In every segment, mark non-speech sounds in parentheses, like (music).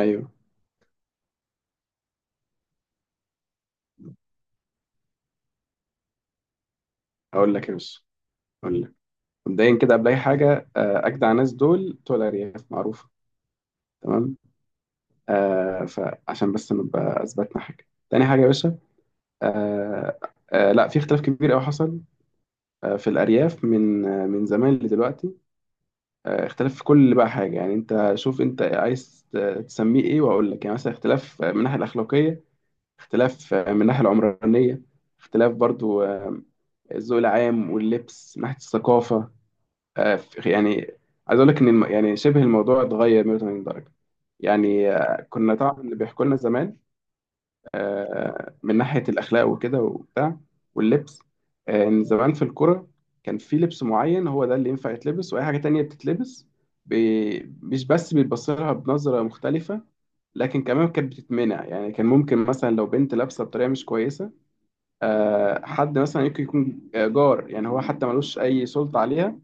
ايوه. هقول لك يا باشا. هقول لك مبدئيا كده قبل اي حاجه، اجدع ناس دول بتوع الارياف معروفه. تمام. فعشان بس نبقى اثبتنا حاجه. تاني حاجه يا باشا، آه لا، في اختلاف كبير قوي حصل في الارياف من من زمان لدلوقتي. اختلاف في كل بقى حاجه. يعني انت شوف، انت عايز تسميه ايه؟ واقول لك. يعني مثلا اختلاف من الناحيه الاخلاقيه، اختلاف من الناحيه العمرانيه، اختلاف برضو الذوق العام واللبس من ناحيه الثقافه. يعني عايز اقول لك ان يعني شبه الموضوع اتغير 180 درجه. يعني كنا طبعا اللي بيحكوا لنا زمان من ناحيه الاخلاق وكده وبتاع واللبس، ان زمان في الكوره كان في لبس معين هو ده اللي ينفع يتلبس، واي حاجه تانية بتتلبس مش بس بيتبص لها بنظره مختلفه، لكن كمان كانت بتتمنع. يعني كان ممكن مثلا لو بنت لابسه بطريقه مش كويسه، حد مثلا يمكن يكون جار، يعني هو حتى ملوش اي سلطه عليها،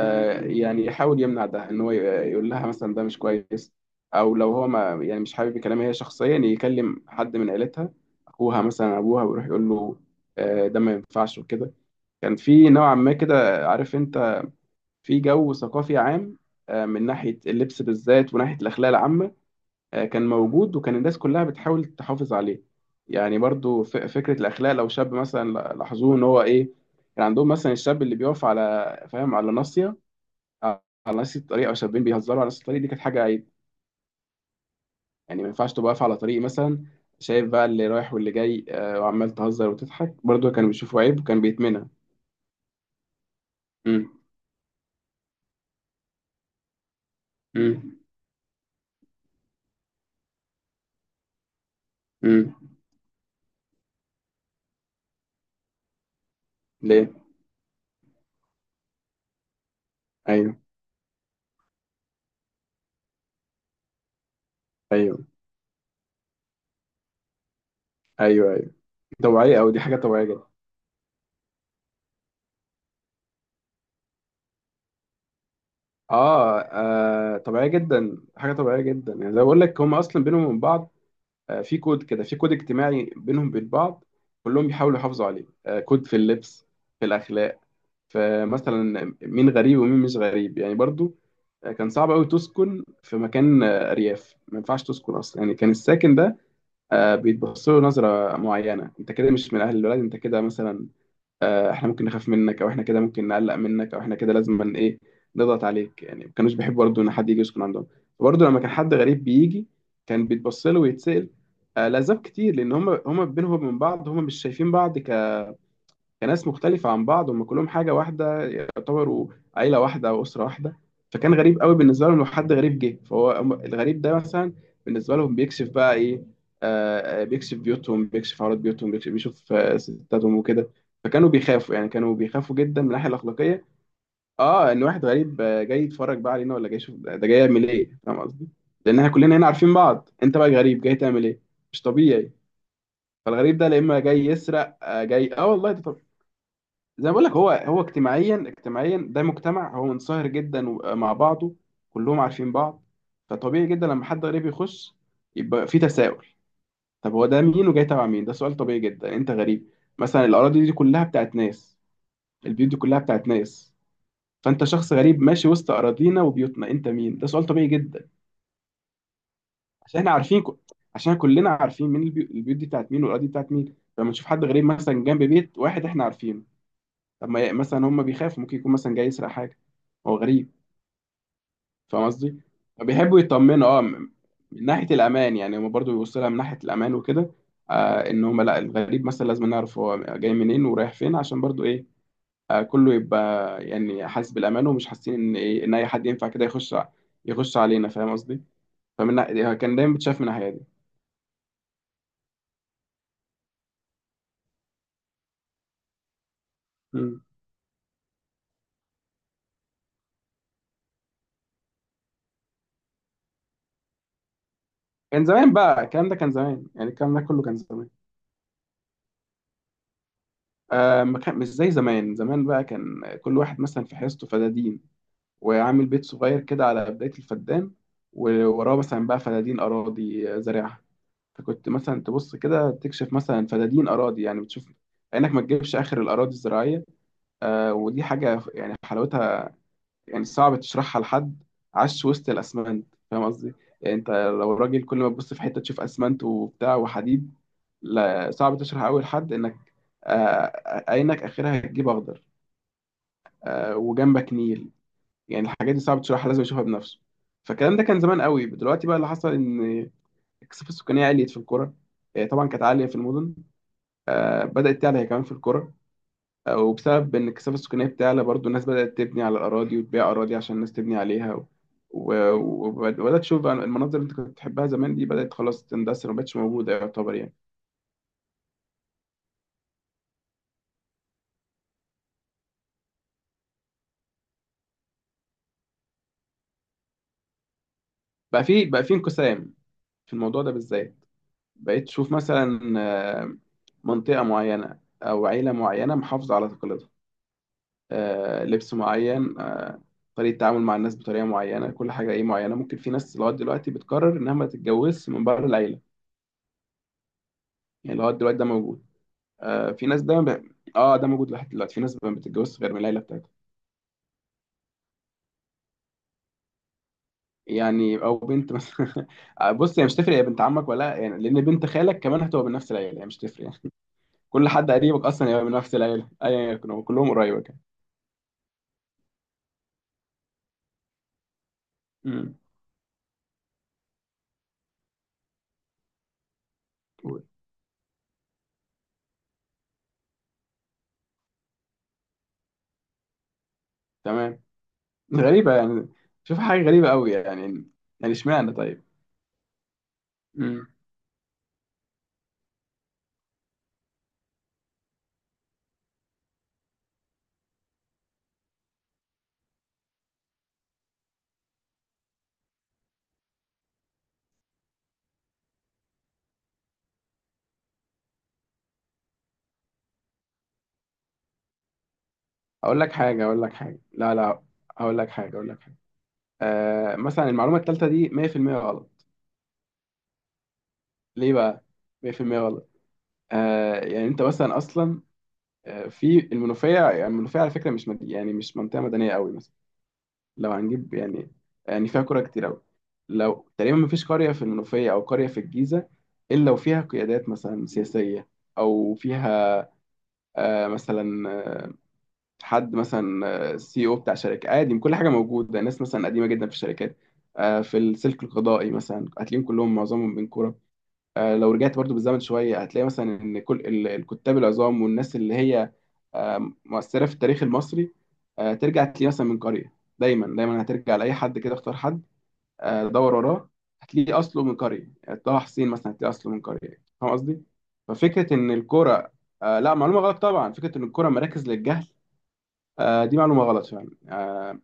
يعني يحاول يمنع ده، ان هو يقول لها مثلا ده مش كويس، او لو هو ما يعني مش حابب كلامها هي شخصيا، يكلم حد من عيلتها، اخوها مثلا، ابوها، ويروح يقول له ده ما ينفعش وكده. كان في نوعا ما كده، عارف انت، في جو ثقافي عام من ناحية اللبس بالذات وناحية الأخلاق العامة، كان موجود وكان الناس كلها بتحاول تحافظ عليه. يعني برضو فكرة الأخلاق، لو شاب مثلا لاحظوه إن هو إيه، كان عندهم مثلا الشاب اللي بيقف على، فاهم، على ناصية على نفس الطريق، او شابين بيهزروا على نفس الطريق، دي كانت حاجه عيب. يعني ما ينفعش تبقى واقف على طريق مثلا شايف بقى اللي رايح واللي جاي، وعمال تهزر وتضحك، برضو كانوا بيشوفوا عيب وكان بيتمنع. امم. امم. امم. ليه؟ ايوه. ايوه. ايوه. ايوه، طبيعيه، او دي حاجه طبيعيه جدا. اه، طبيعيه جدا، حاجه طبيعيه جدا. يعني زي ما بقول لك هم اصلا بينهم وبين بعض في كود كده، في كود اجتماعي بينهم وبين بعض، كلهم بيحاولوا يحافظوا عليه. كود في اللبس، في الاخلاق. فمثلا مين غريب ومين مش غريب يعني. برضو كان صعب قوي تسكن في مكان ارياف. ما ينفعش تسكن اصلا. يعني كان الساكن ده بيتبص له نظره معينه. انت كده مش من اهل البلد، انت كده مثلا، احنا ممكن نخاف منك، او احنا كده ممكن نقلق منك، او احنا كده لازم ايه، نضغط عليك. يعني ما كانوش بيحبوا برضه ان حد يجي يسكن عندهم. برضه لما كان حد غريب بيجي، كان بيتبص له ويتسال لاسباب كتير. لان هم بينهم من بعض، هم مش شايفين بعض كناس مختلفة عن بعض، هم كلهم حاجة واحدة يعتبروا، عيلة واحدة أو أسرة واحدة. فكان غريب قوي بالنسبة لهم لو حد غريب جه، فهو الغريب ده مثلا بالنسبة لهم بيكشف بقى إيه، بيكشف بيوتهم، بيكشف عورات بيوتهم، بيكشف، بيشوف ستاتهم وكده. فكانوا بيخافوا، يعني كانوا بيخافوا جدا من الناحية الأخلاقية. اه، ان واحد غريب جاي يتفرج بقى علينا، ولا جاي يشوف، ده جاي يعمل ايه؟ فاهم قصدي؟ لان احنا كلنا هنا عارفين بعض، انت بقى غريب جاي تعمل ايه؟ مش طبيعي. فالغريب ده، لا اما جاي يسرق جاي، اه والله ده زي ما بقول لك، هو اجتماعيا ده مجتمع هو منصهر جدا مع بعضه، كلهم عارفين بعض. فطبيعي جدا لما حد غريب يخش يبقى في تساؤل. طب هو ده مين؟ وجاي تبع مين؟ ده سؤال طبيعي جدا. انت غريب. مثلا الاراضي دي كلها بتاعت ناس، البيوت دي كلها بتاعت ناس، فانت شخص غريب ماشي وسط اراضينا وبيوتنا، انت مين؟ ده سؤال طبيعي جدا. عشان احنا عارفين عشان كلنا عارفين مين البيوت دي بتاعت مين، والاراضي دي بتاعت مين. لما نشوف حد غريب مثلا جنب بيت واحد احنا عارفينه، طب ما ي- مثلا هم بيخافوا، ممكن يكون مثلا جاي يسرق حاجه، هو غريب، فاهم قصدي؟ فبيحبوا يطمنوا. من ناحيه الامان. يعني هم برضو بيبصوا لها من ناحيه الامان وكده، ان هم لا، الغريب مثلا لازم نعرف هو جاي منين ورايح فين. عشان برضو ايه، كله يبقى يعني حاسس بالامان، ومش حاسين ان ايه، ان اي حد ينفع كده يخش يخش علينا. فاهم قصدي؟ كان دايما بتشاف من الناحيه دي. مم. كان زمان بقى، الكلام ده كان زمان. يعني الكلام ده كله كان زمان. ما كان مش زي زمان. زمان بقى كان كل واحد مثلا في حصته فده دين، وعامل بيت صغير كده على بداية الفدان، ووراه مثلا بقى فدادين أراضي زارعها. فكنت مثلا تبص كده تكشف مثلا فدادين أراضي. يعني بتشوف إنك ما تجيبش آخر الأراضي الزراعية. ودي حاجة يعني حلاوتها يعني صعب تشرحها لحد عاش وسط الأسمنت، فاهم قصدي؟ يعني أنت لو راجل كل ما تبص في حتة تشوف أسمنت وبتاع وحديد، لا، صعب تشرح أوي لحد إنك عينك آخرها هتجيب أخضر، وجنبك نيل. يعني الحاجات دي صعب تشرحها، لازم يشوفها بنفسه. فالكلام ده كان زمان قوي. دلوقتي بقى اللي حصل ان الكثافه السكانيه عليت في القرى. طبعا كانت عاليه في المدن، بدات تعلى هي كمان في القرى. وبسبب ان الكثافه السكانيه بتعلى برضو، الناس بدات تبني على الاراضي، وتبيع اراضي عشان الناس تبني عليها، و- وبدات تشوف بقى المناظر اللي انت كنت بتحبها زمان دي بدات خلاص تندثر، ما بقتش موجوده يعتبر يعني. بقى في انقسام في الموضوع ده بالذات. بقيت تشوف مثلا آه، منطقه معينه او عيله معينه محافظه على تقاليدها، لبس معين، طريقة تعامل مع الناس بطريقة معينة، كل حاجة ايه معينة. ممكن في ناس لغاية دلوقتي بتقرر انها ما تتجوزش من بره العيلة. يعني لغاية دلوقتي ده موجود. آه، في ناس ده ب... اه ده موجود لحد دلوقتي، في ناس ما بتتجوزش غير من العيلة بتاعتها. يعني، او بنت مثلا (laughs) بص هي مش تفرق يا بنت عمك ولا، يعني لان بنت خالك كمان هتبقى من نفس العيلة، يعني مش تفرق يعني. (laughs) كل حد قريبك اصلا هيبقى من نفس العيلة. (laughs) ايا يكن هو، كلهم قريبك يعني. امم. قول. تمام. غريبة يعني، شوف حاجة غريبة قوي يعني. يعني اشمعنى طيب؟ مم. اقول لك حاجه اقول لك حاجه لا لا، اقول لك حاجه. مثلا المعلومه الثالثه دي 100% غلط. ليه بقى؟ 100% غلط. يعني انت مثلا اصلا في المنوفيه. يعني المنوفيه على فكره مش مد... يعني مش منطقه مدنيه قوي مثلا. لو هنجيب يعني، يعني فيها قرى كتير قوي. لو تقريبا ما فيش قريه في المنوفيه او قريه في الجيزه الا وفيها قيادات مثلا سياسيه، او فيها آه مثلا حد مثلا سي او بتاع شركه، عادي كل حاجه موجوده. ناس مثلا قديمه جدا في الشركات في السلك القضائي، مثلا هتلاقيهم كلهم معظمهم من كوره. لو رجعت برضو بالزمن شويه هتلاقي مثلا ان كل الكتاب العظام والناس اللي هي مؤثره في التاريخ المصري، ترجع تلاقيه مثلا من قريه. دايما هترجع لاي حد كده. اختار حد دور وراه، هتلاقيه اصله من قريه. يعني طه حسين مثلا هتلاقيه اصله من قريه، فاهم قصدي؟ ففكره ان الكوره، لا، معلومه غلط طبعا. فكره ان الكوره مراكز للجهل دي معلومة غلط فعلا.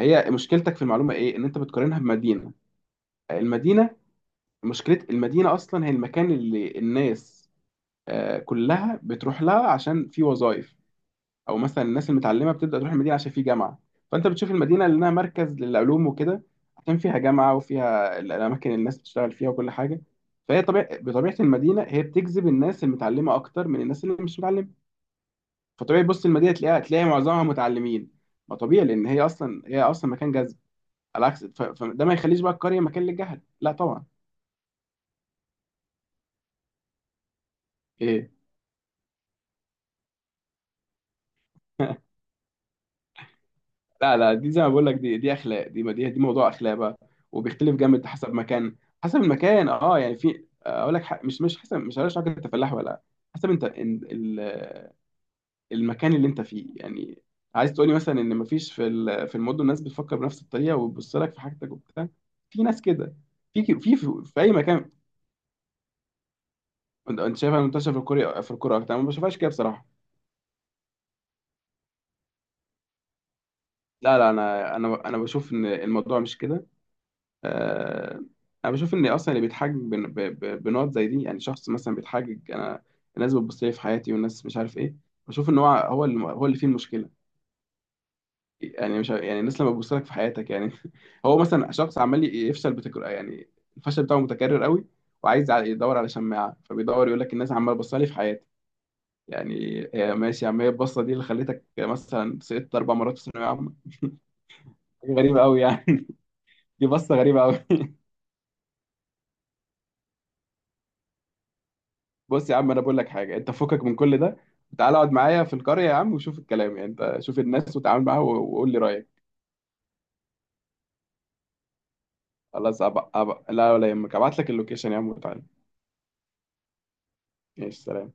هي مشكلتك في المعلومة ايه، ان انت بتقارنها بمدينة، آه، المدينة مشكلة المدينة اصلا هي المكان اللي الناس كلها بتروح لها عشان في وظائف، او مثلا الناس المتعلمة بتبدأ تروح المدينة عشان في جامعة. فانت بتشوف المدينة لانها مركز للعلوم وكده، عشان فيها جامعة وفيها الاماكن اللي الناس بتشتغل فيها وكل حاجة. فهي طبيعة، بطبيعة المدينة هي بتجذب الناس المتعلمة اكتر من الناس اللي مش متعلمة. فطبيعي، بص المدينة تلاقيها تلاقي معظمها متعلمين، ما طبيعي، لان هي اصلا، هي اصلا مكان جذب. على عكس فده ما يخليش بقى القريه مكان للجهل، لا طبعا. ايه؟ لا دي زي ما بقول لك، دي اخلاق. دي موضوع اخلاق بقى، وبيختلف جامد حسب مكان، حسب المكان. اه، يعني في، اقول لك مش حسب، مش عارف حاجه تفلاح ولا، حسب انت ال- المكان اللي انت فيه يعني. عايز تقولي مثلا ان مفيش في في المدن ناس بتفكر بنفس الطريقه وبتبص لك في حاجتك وبتاع؟ في ناس كده، في في في, في اي مكان. أنت شايفها منتشره في الكوره، في الكوره اكتر؟ أنا ما بشوفهاش كده بصراحه. لا انا بشوف ان الموضوع مش كده، آه، انا بشوف ان اصلا اللي بيتحجج بنقط زي دي، يعني شخص مثلا بيتحجج، انا الناس بتبص لي في حياتي والناس مش عارف ايه، بشوف ان هو اللي فيه المشكله. يعني مش يعني الناس لما بتبص لك في حياتك يعني. (laughs) هو مثلا شخص عمال يفشل بتكرار، يعني الفشل بتاعه متكرر قوي، وعايز يدور على شماعه، فبيدور يقول لك الناس عماله تبص لي في حياتي. يعني هي ماشي يا عم، هي البصه دي اللي خلتك مثلا سقطت اربع مرات في ثانويه عامه؟ حاجة غريبه قوي يعني. (laughs) دي بصه غريبه قوي. بص يا عم انا بقول لك حاجه، انت فكك من كل ده، تعال اقعد معايا في القريه يا عم وشوف الكلام. يعني انت شوف الناس وتعامل معاها وقول لي رايك. خلاص. أبقى لا ولا يهمك، ابعت لك اللوكيشن يا عم وتعالى. ماشي سلام.